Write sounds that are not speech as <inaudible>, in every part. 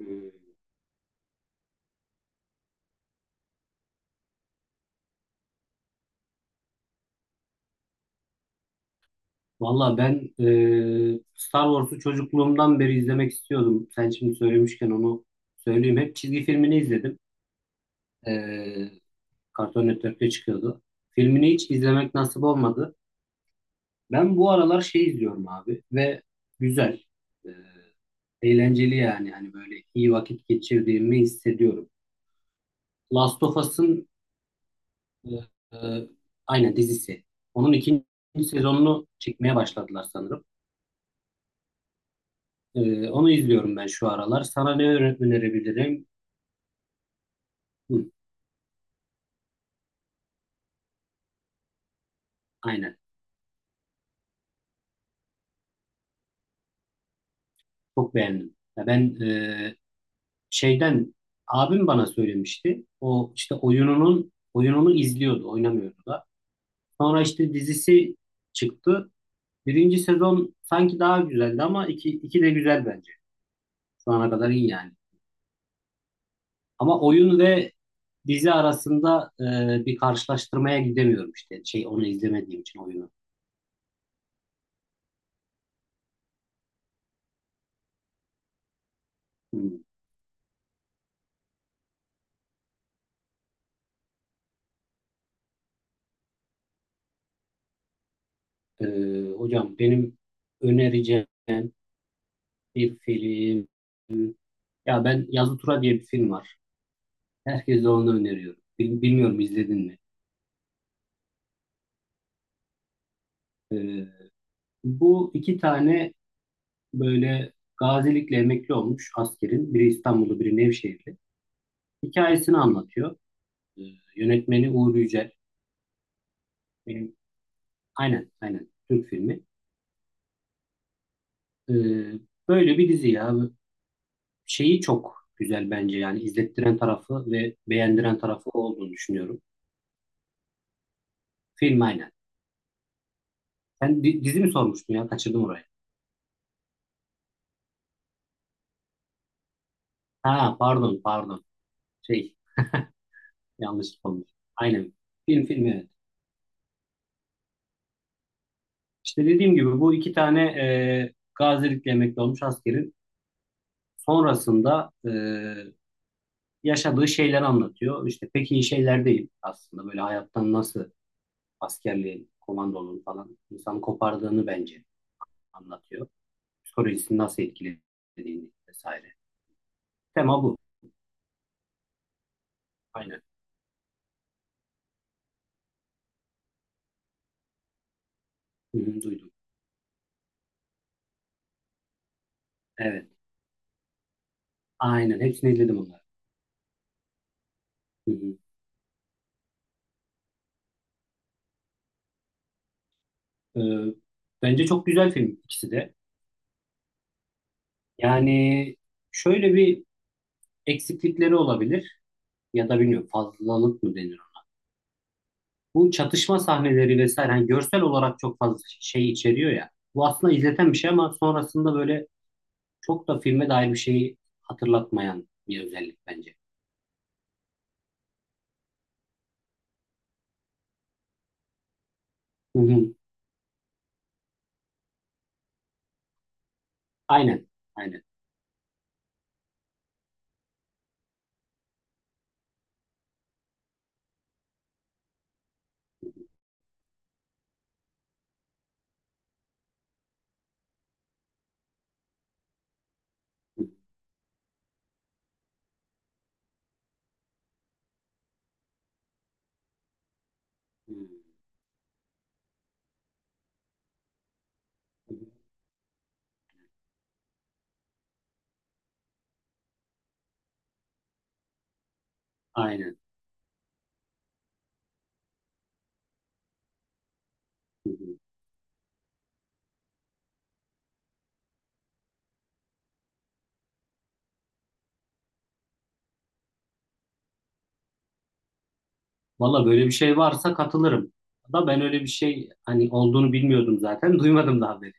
Hmm. Valla ben Star Wars'u çocukluğumdan beri izlemek istiyordum. Sen şimdi söylemişken onu söyleyeyim. Hep çizgi filmini izledim. E, Cartoon Network'te çıkıyordu. Filmini hiç izlemek nasip olmadı. Ben bu aralar şey izliyorum abi ve güzel. E, Eğlenceli yani. Hani böyle iyi vakit geçirdiğimi hissediyorum. Last of Us'ın e, e, aynen dizisi. Onun ikinci sezonunu çekmeye başladılar sanırım. Onu izliyorum ben şu aralar. Sana ne önerebilirim? Hı, aynen. Çok beğendim. Ya ben şeyden abim bana söylemişti. O işte oyununu izliyordu, oynamıyordu da. Sonra işte dizisi çıktı. Birinci sezon sanki daha güzeldi ama iki de güzel bence. Şu ana kadar iyi yani. Ama oyun ve dizi arasında bir karşılaştırmaya gidemiyorum işte. Şey onu izlemediğim için oyunu. Hı. Hocam benim önereceğim bir film. Ya ben Yazı Tura diye bir film var. Herkese onu öneriyorum. Bilmiyorum izledin mi? Ee, Bu iki tane böyle gazilikle emekli olmuş askerin. Biri İstanbul'da, biri Nevşehir'de. Hikayesini anlatıyor. Ee, Yönetmeni Uğur Yücel. Benim, aynen, aynen. Türk filmi. Ee, Böyle bir dizi ya. Şeyi çok güzel bence yani izlettiren tarafı ve beğendiren tarafı olduğunu düşünüyorum. Film aynen. Sen dizi mi sormuştun ya? Kaçırdım orayı. Ha pardon. Şey yanlış olmuş. Aynen. Film evet. İşte dediğim gibi bu iki tane gazilikle emekli olmuş askerin sonrasında yaşadığı şeyleri anlatıyor. İşte pek iyi şeyler değil aslında. Böyle hayattan nasıl askerliğin, komandonun falan insanı kopardığını bence anlatıyor. Psikolojisini nasıl etkilediğini vesaire. Tema bu. Aynen. Hı hı, duydum. Evet. Aynen. Hepsini izledim onları. Hı hı. E, Bence çok güzel film ikisi de. Yani şöyle bir eksiklikleri olabilir ya da bilmiyorum fazlalık mı denir? Bu çatışma sahneleri vesaire hani görsel olarak çok fazla şey içeriyor ya. Bu aslında izleten bir şey ama sonrasında böyle çok da filme dair bir şeyi hatırlatmayan bir özellik bence. Hı hı. Aynen. Aynen. Hı hı. Hı hı. Aynen. Hı hı. Valla böyle bir şey varsa katılırım. Da ben öyle bir şey hani olduğunu bilmiyordum zaten. <laughs> Duymadım daha beri.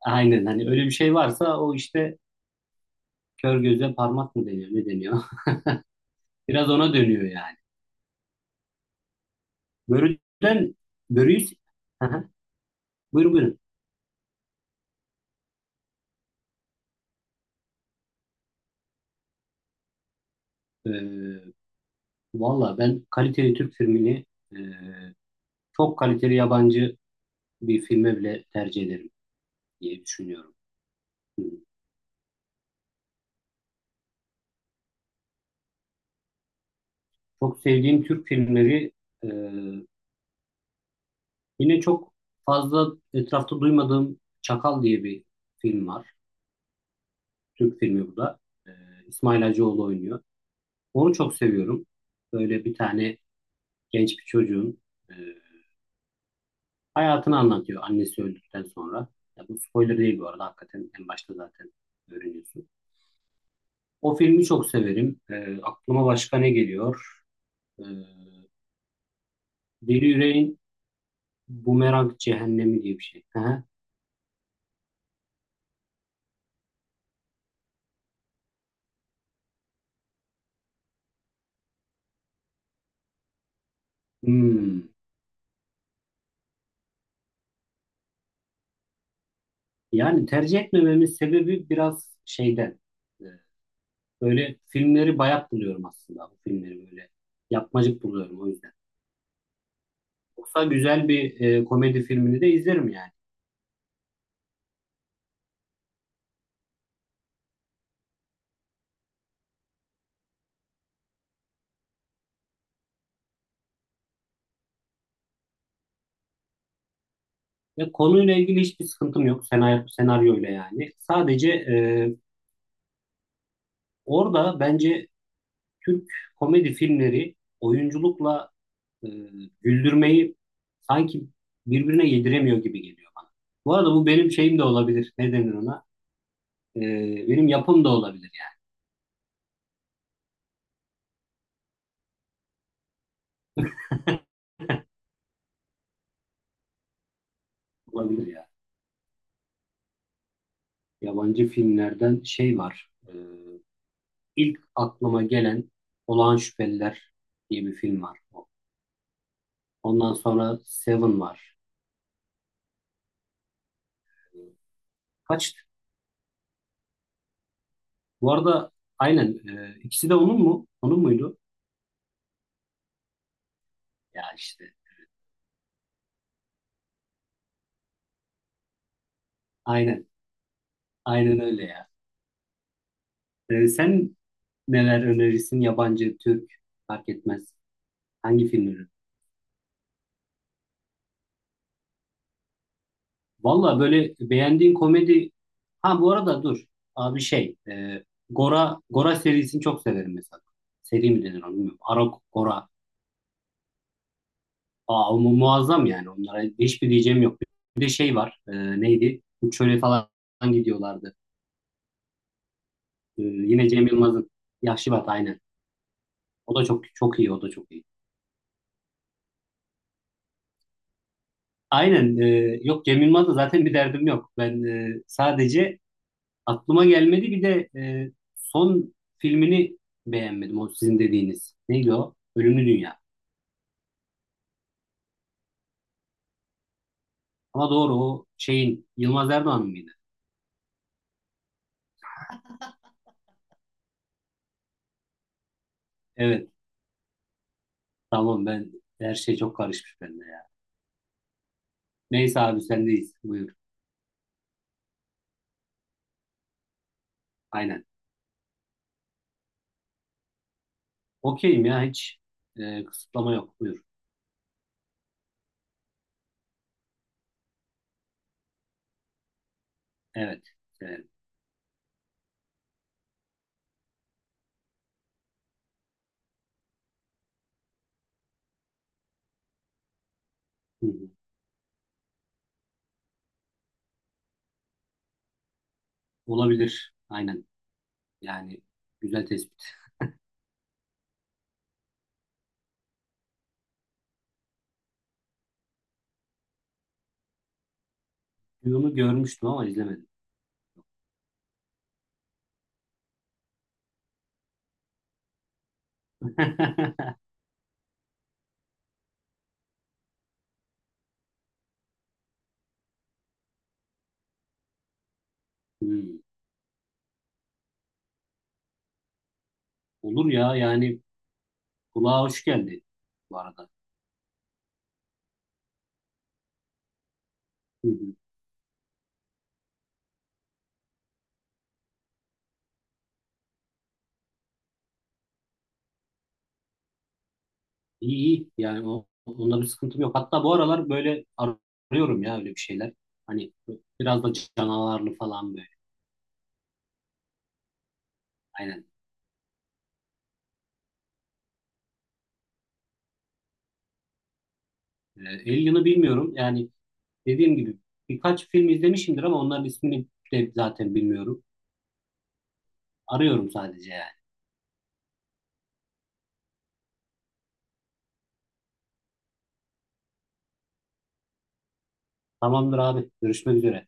Aynen hani öyle bir şey varsa o işte kör göze parmak mı deniyor? Ne deniyor? <laughs> Biraz ona dönüyor yani. Börüden börüyü. Hı hı. Buyurun buyurun. Ee, Valla ben kaliteli Türk filmini e, çok kaliteli yabancı bir filme bile tercih ederim diye düşünüyorum. Hı. Çok sevdiğim Türk filmleri e, yine çok fazla etrafta duymadığım Çakal diye bir film var. Türk filmi bu da. Ee, İsmail Hacıoğlu oynuyor. Onu çok seviyorum. Böyle bir tane genç bir çocuğun e, hayatını anlatıyor annesi öldükten sonra. Ya bu spoiler değil bu arada. Hakikaten en başta zaten öğreniyorsun. O filmi çok severim. Aklıma başka ne geliyor? Ee, Deli Yüreğin Bumerang Cehennemi diye bir şey. Hı hı. Hmm. Yani tercih etmememin sebebi biraz şeyden. Ee, Böyle filmleri bayat buluyorum aslında. Bu filmleri böyle yapmacık buluyorum o yüzden. Yoksa güzel bir komedi filmini de izlerim yani. Ve konuyla ilgili hiçbir sıkıntım yok senaryoyla yani. Sadece orada bence Türk komedi filmleri oyunculukla e, güldürmeyi sanki birbirine yediremiyor gibi geliyor bana. Bu arada bu benim şeyim de olabilir. Ne denir ona? E, Benim yapım da olabilir yani. Olabilir ya. Yabancı filmlerden şey var. İlk aklıma gelen Olağan Şüpheliler diye bir film var. Ondan sonra Seven var. Kaç Bu arada aynen, ikisi de onun mu? Onun muydu? Ya işte aynen. Aynen öyle ya. Sen neler önerirsin? Yabancı, Türk fark etmez. Hangi filmleri? Valla böyle beğendiğin komedi, ha bu arada dur. Abi şey Gora Gora serisini çok severim mesela. Seri mi denir onu bilmiyorum. Arok Gora. Aa, muazzam yani. Onlara hiçbir diyeceğim yok. Bir de şey var. Neydi? Uçöre falan gidiyorlardı. Yine Cem Yılmaz'ın Yahşi Batı aynen. O da çok çok iyi, o da çok iyi. Aynen. Yok Cem Yılmaz'la zaten bir derdim yok. Ben sadece aklıma gelmedi. Bir de son filmini beğenmedim. O sizin dediğiniz. Neydi o? Ölümlü Dünya. Ama doğru o şeyin Yılmaz Erdoğan mıydı? Evet. Tamam ben her şey çok karışmış bende ya. Neyse abi sendeyiz. Buyur. Aynen. Okeyim ya hiç kısıtlama yok. Buyur. Evet, severim. Hı hı. Olabilir. Aynen. Yani güzel tespit. Bunu görmüştüm ama izlemedim. <laughs> Hmm, olur ya yani kulağa hoş geldi bu arada. Hı hı. İyi iyi yani onda bir sıkıntım yok. Hatta bu aralar böyle arıyorum ya öyle bir şeyler. Hani biraz da canavarlı falan böyle. Aynen. Ee, Alien'ı bilmiyorum yani dediğim gibi birkaç film izlemişimdir ama onların ismini de zaten bilmiyorum. Arıyorum sadece yani. Tamamdır abi görüşmek üzere.